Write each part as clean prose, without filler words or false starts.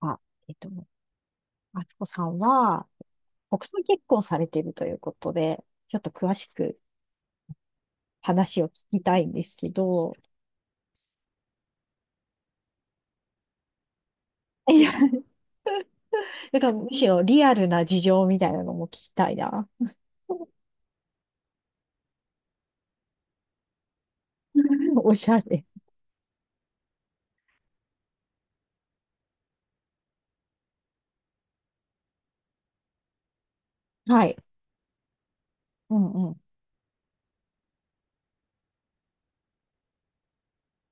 あ、えっと、あつこさんは、国際結婚されているということで、ちょっと詳しく話を聞きたいんですけど、いや、だからむしろリアルな事情みたいなのも聞きたいな。おしゃれ。はい。うんうん。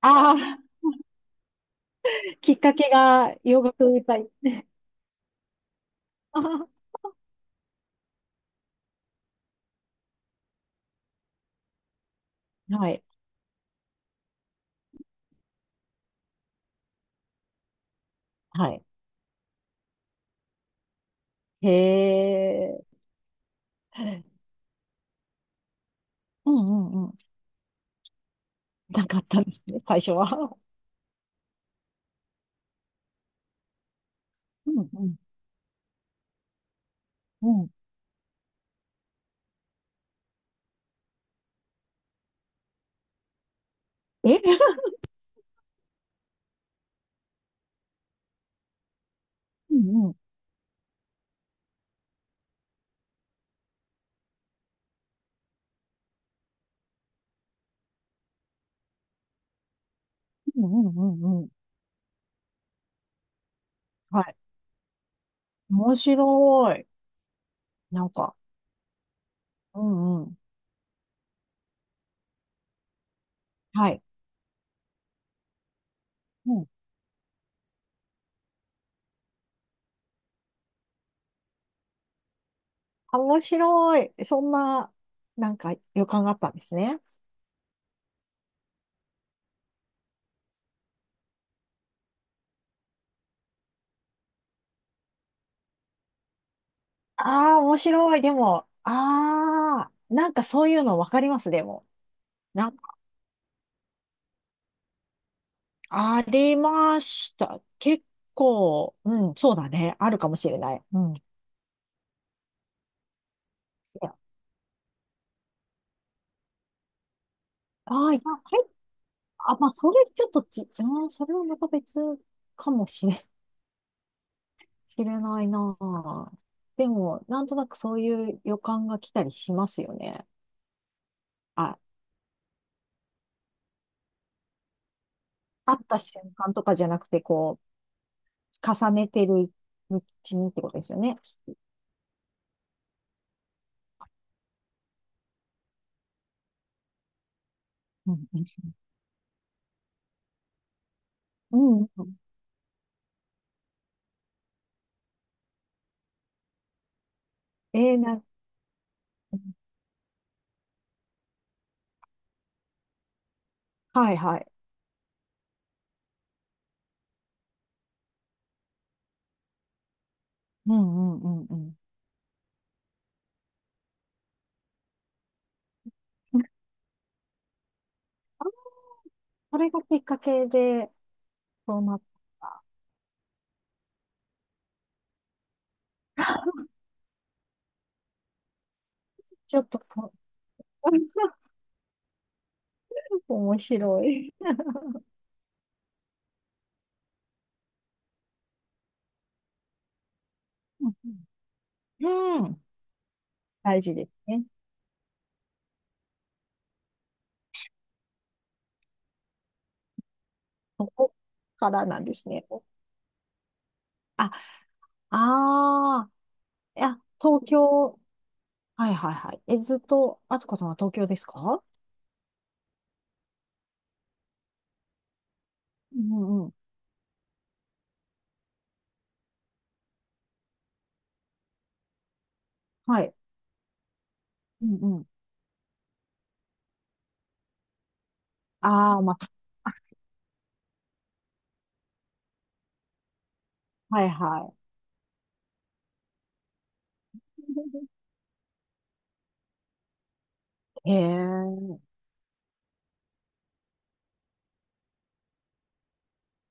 ああ、きっかけが洋楽みたい。あー、はい。はい。へえ。うんうんうん。なかったんですね、最初は。うんうんうん。え、うん。 うんうんうんうん。はい。面白い。なんか、うんうん。はい。うん。あ、面白い。そんな、なんか予感があったんですね。ああ、面白い。でも、ああ、なんかそういうのわかります、でも。なんか、ありました。結構、うん、そうだね。あるかもしれない。うん。いや、ああ、いや、はい。あ、まあ、それちょっとうん、それはまた別かもしれ、しれないな。でも、なんとなくそういう予感が来たりしますよね。あ、会った瞬間とかじゃなくて、こう、重ねてるうちにってことですよね。うんうんうんうん。えー、な、はいはい。うんうんうんうん。あ、それがきっかけで、そうなった。ちょっと面白い。うんうん、大事ですね。そこからなんですね。あ、ああ、いや、東京、はいはいはい。え、ずっと、あつこさんは東京ですか？うんうん、はい。うん、ああ、まあ、はいはい。へえ、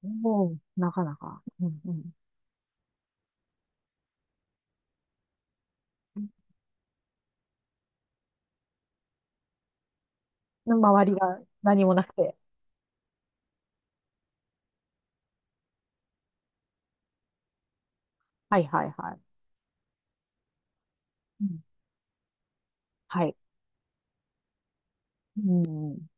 もう、なかなか。うんうん。の周りが何もなくて。はいはいはい。うん、はい。うん。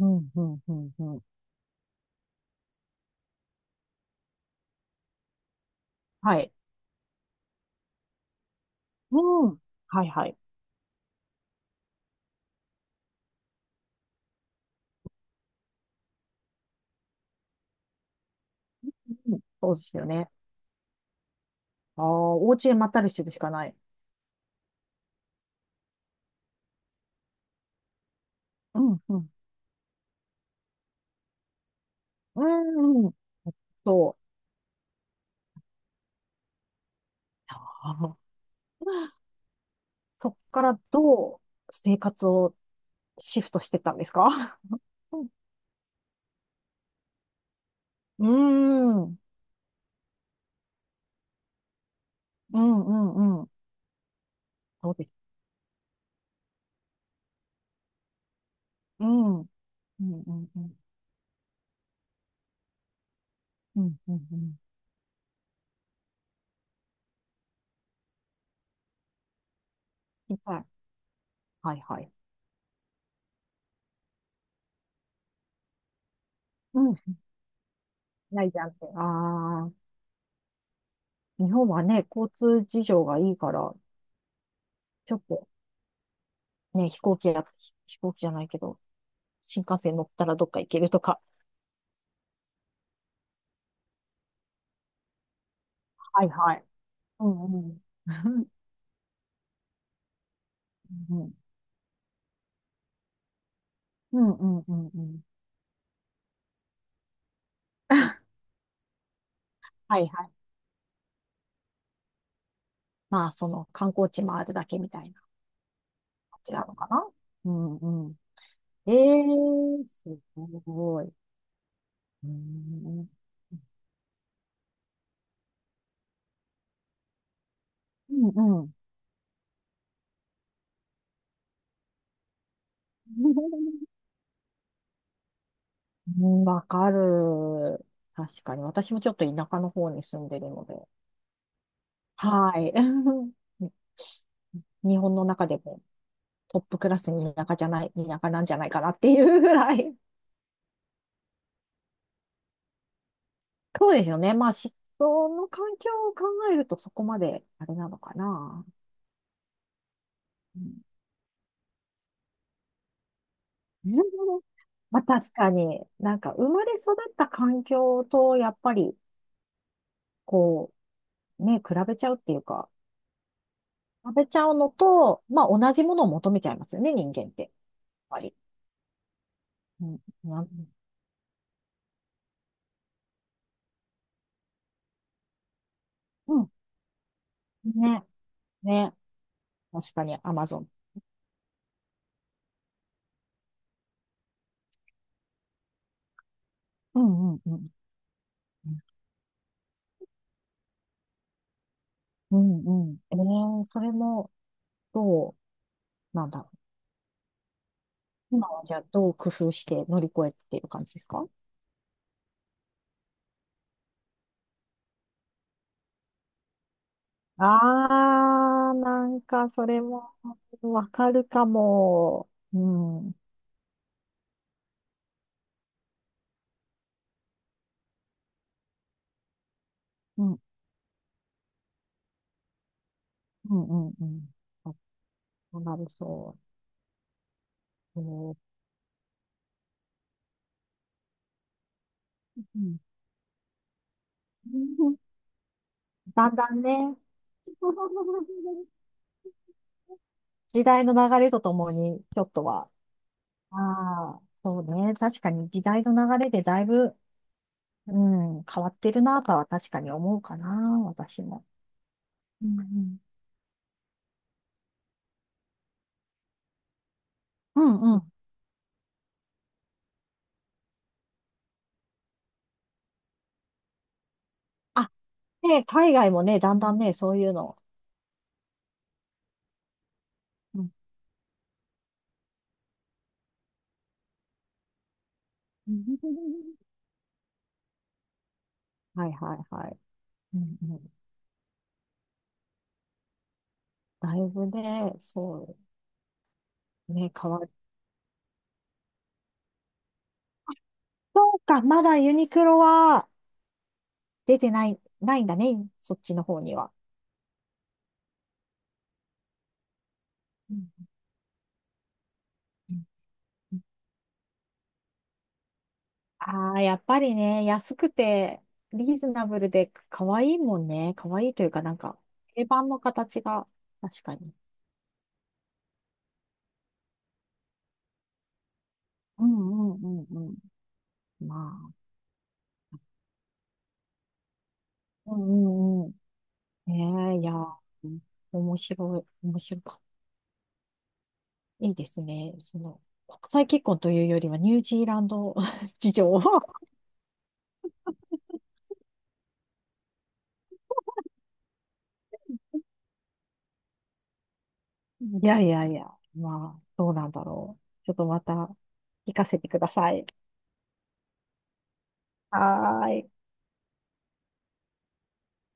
うん、うん、うん、うん。はい。うん。はいはい。うん、そうですよね。ああ、お家へまったりしてるしかない。うん、うん。うん、うん。そう。あーそっからどう生活をシフトしてったんですか？ うん、うん、うん、うん。そうです、うん。うんうんうん。うんうんうん。痛い、はいはい。うん。ないじゃんって。ああ。日本はね、交通事情がいいから、ちょっとね、飛行機や、飛行機じゃないけど、新幹線乗ったらどっか行けるとか。はいはい。うんうん。うんうんうんうんうんうん。はいはい。まあ、その観光地回るだけみたいな感じなのかな。うんうん。ええー、すごい。うんうん。うんうん。うん、わかる。確かに。私もちょっと田舎の方に住んでるので。はい。に日本の中でもトップクラスに田舎じゃない、田舎なんじゃないかなっていうぐらい。そうですよね。まあ、その環境を考えるとそこまであれなのかな。うん、なるほど。まあ、確かに、なんか生まれ育った環境とやっぱり、こう、ね、比べちゃうっていうか、比べちゃうのと、まあ同じものを求めちゃいますよね、人間って。やっぱり、うん、うん、ね、ね、確かに、アマゾン。うん、うん、うん。うん、うん。それも、どう、なんだろう。今はじゃあ、どう工夫して乗り越えている感じですか？なんかそれもわかるかも。うん、うん、うん、うん、うん。あ、そうなる、そう。うん、だんだんね、時代の流れとともに、ちょっとは、ああ、そうね。確かに時代の流れでだいぶ、うん、変わってるなとは確かに思うかな、私も。うんうん。うんうん。あ、ね、海外もね、だんだんね、そういうの。うん、はいはいはい。うんうん。だいぶね、そうね、変わる。そうか、まだユニクロは出てない、ないんだね、そっちの方には。うんうん、ああ、やっぱりね、安くて、リーズナブルで、可愛いもんね。可愛いというか、なんか、定番の形が、確かに。うんうんうんうん。まあ、うんうんうん。ねえ、いや、面白い、面白かった。いいですね。その、国際結婚というよりは、ニュージーランド 事情を。いやいやいや、まあ、どうなんだろう。ちょっとまた、聞かせてください。はーい。